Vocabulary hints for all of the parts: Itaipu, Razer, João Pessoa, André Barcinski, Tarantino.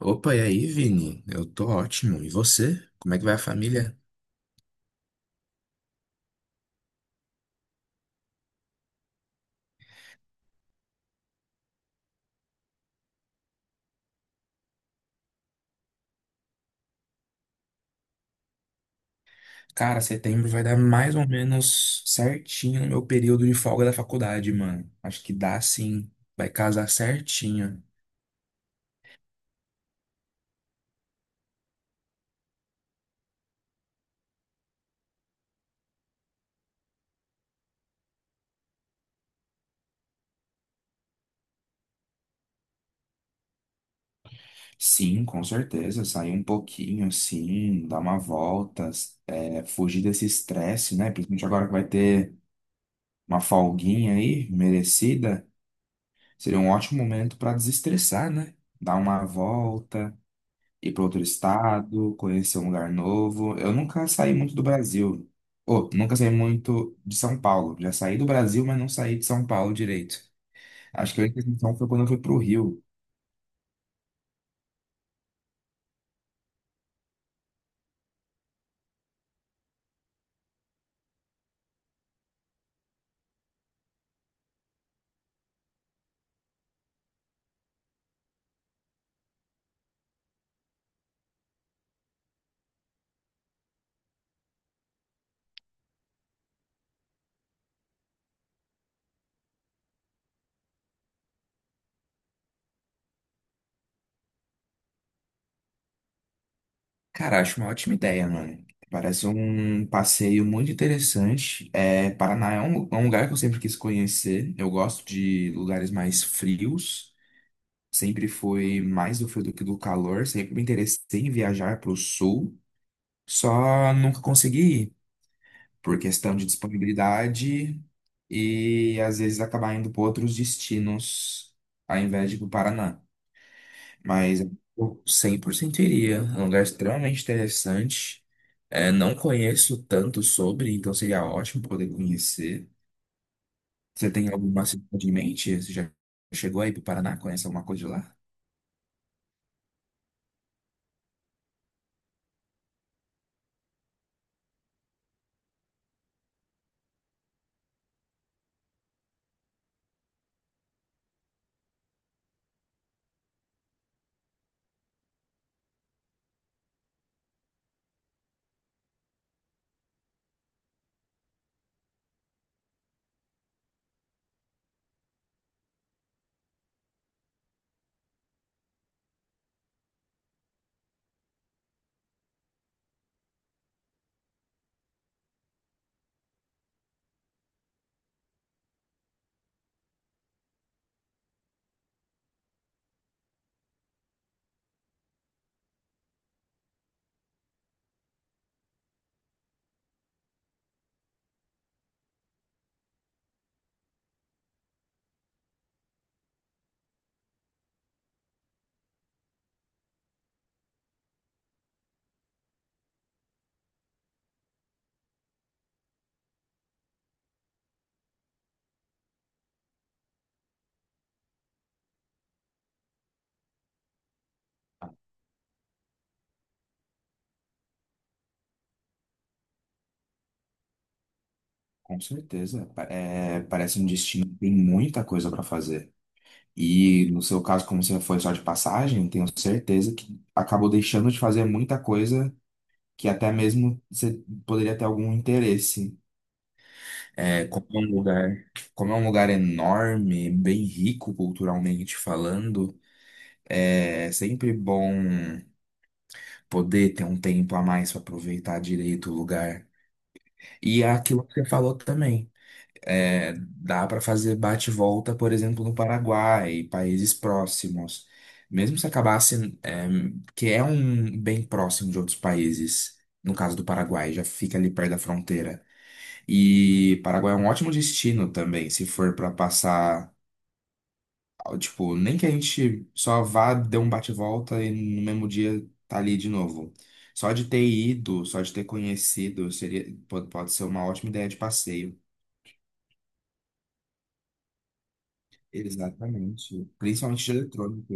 Opa, e aí, Vini? Eu tô ótimo. E você? Como é que vai a família? Cara, setembro vai dar mais ou menos certinho no meu período de folga da faculdade, mano. Acho que dá sim. Vai casar certinho. Sim, com certeza. Sair um pouquinho, assim, dar uma volta, fugir desse estresse, né? Principalmente agora que vai ter uma folguinha aí, merecida. Seria um ótimo momento pra desestressar, né? Dar uma volta ir para outro estado, conhecer um lugar novo. Eu nunca saí muito do Brasil. Ou, nunca saí muito de São Paulo. Já saí do Brasil, mas não saí de São Paulo direito. Acho que a única exceção foi quando eu fui pro Rio. Cara, acho uma ótima ideia, mano. Parece um passeio muito interessante. É, Paraná é um lugar que eu sempre quis conhecer. Eu gosto de lugares mais frios. Sempre foi mais do frio do que do calor. Sempre me interessei em viajar para o sul. Só nunca consegui por questão de disponibilidade e às vezes acabar indo para outros destinos ao invés de ir para o Paraná. Mas eu 100% iria. É um lugar extremamente interessante. Não conheço tanto sobre, então seria ótimo poder conhecer. Você tem alguma cidade em mente? Você já chegou aí para o Paraná? Conhece alguma coisa de lá? Com certeza. Parece um destino que tem muita coisa para fazer. E no seu caso, como você foi só de passagem, tenho certeza que acabou deixando de fazer muita coisa que até mesmo você poderia ter algum interesse. É, como é um lugar, Como é um lugar enorme, bem rico culturalmente falando, é sempre bom poder ter um tempo a mais para aproveitar direito o lugar. E é aquilo que você falou também. Dá para fazer bate volta, por exemplo, no Paraguai, países próximos. Mesmo se acabasse, que é um bem próximo de outros países, no caso do Paraguai, já fica ali perto da fronteira. E Paraguai é um ótimo destino também, se for para passar, tipo, nem que a gente só vá, dê um bate volta e no mesmo dia tá ali de novo. Só de ter ido, só de ter conhecido, seria, pode ser uma ótima ideia de passeio. Exatamente. Principalmente de eletrônico.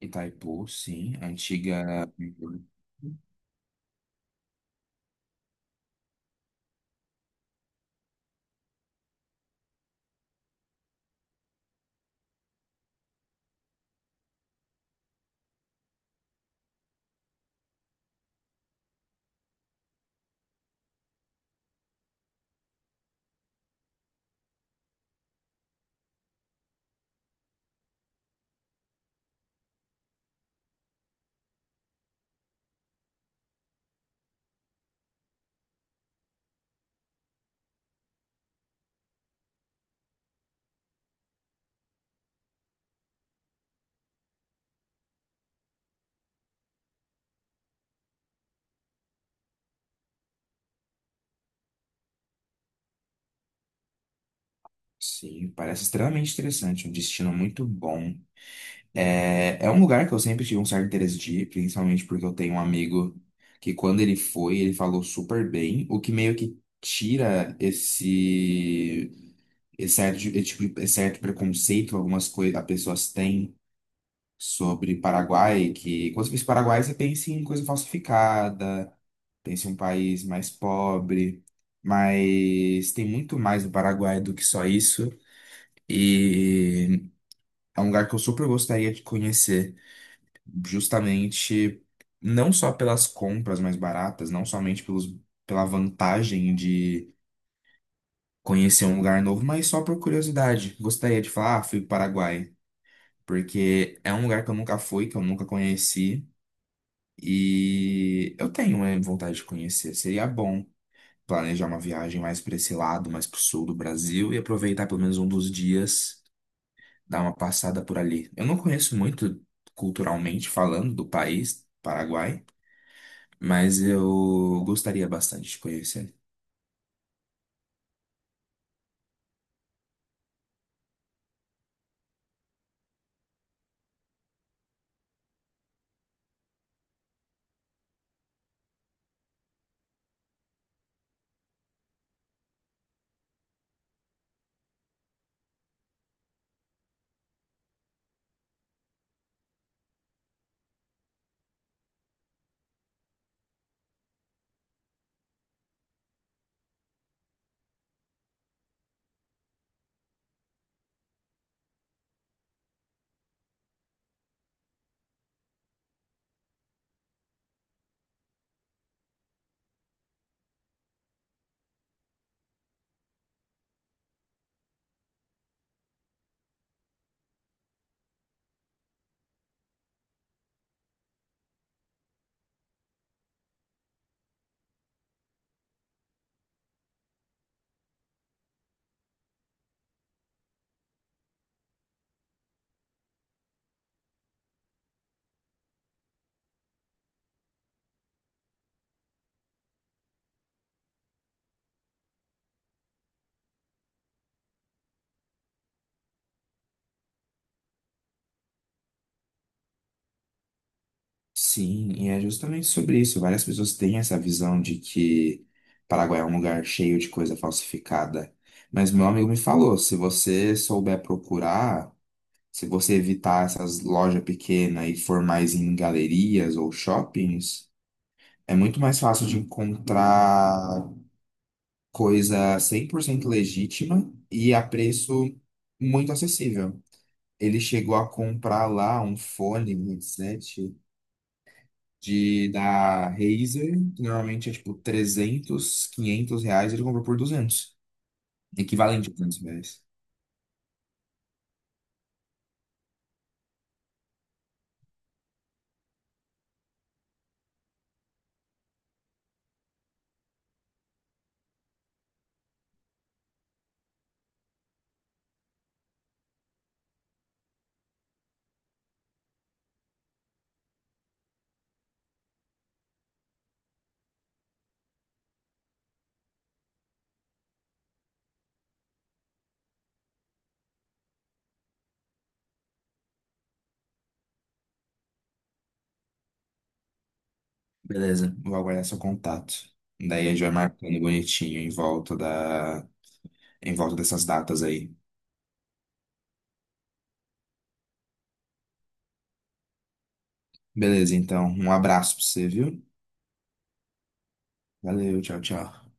Itaipu, sim. A antiga. Sim, parece extremamente interessante. Um destino muito bom. É, é um lugar que eu sempre tive um certo interesse de ir, principalmente porque eu tenho um amigo que, quando ele foi, ele falou super bem, o que meio que tira esse. Esse certo, de- esse tipo de- esse certo preconceito que algumas coisas as pessoas têm sobre Paraguai, que quando você pensa em Paraguai, você pensa em coisa falsificada, pensa em um país mais pobre, mas tem muito mais no Paraguai do que só isso. E é um lugar que eu super gostaria de conhecer, justamente não só pelas compras mais baratas, não somente pelos, pela vantagem de conhecer um lugar novo, mas só por curiosidade. Gostaria de falar, ah, fui para o Paraguai, porque é um lugar que eu nunca fui, que eu nunca conheci. E eu tenho né, vontade de conhecer. Seria bom planejar uma viagem mais para esse lado, mais para o sul do Brasil e aproveitar pelo menos um dos dias, dar uma passada por ali. Eu não conheço muito culturalmente falando do país, Paraguai, mas eu gostaria bastante de conhecer. Sim, e é justamente sobre isso. Várias pessoas têm essa visão de que Paraguai é um lugar cheio de coisa falsificada. Mas meu amigo me falou, se você souber procurar. Se você evitar essas lojas pequenas e for mais em galerias ou shoppings, é muito mais fácil de encontrar coisa 100% legítima e a preço muito acessível. Ele chegou a comprar lá um fone, um headset da Razer, que normalmente é tipo 300 500 reais, ele comprou por 200 equivalente a 200 reais. Beleza, vou aguardar seu contato. Daí a gente vai marcando bonitinho em volta da em volta dessas datas aí. Beleza, então, um abraço pra você, viu? Valeu, tchau, tchau.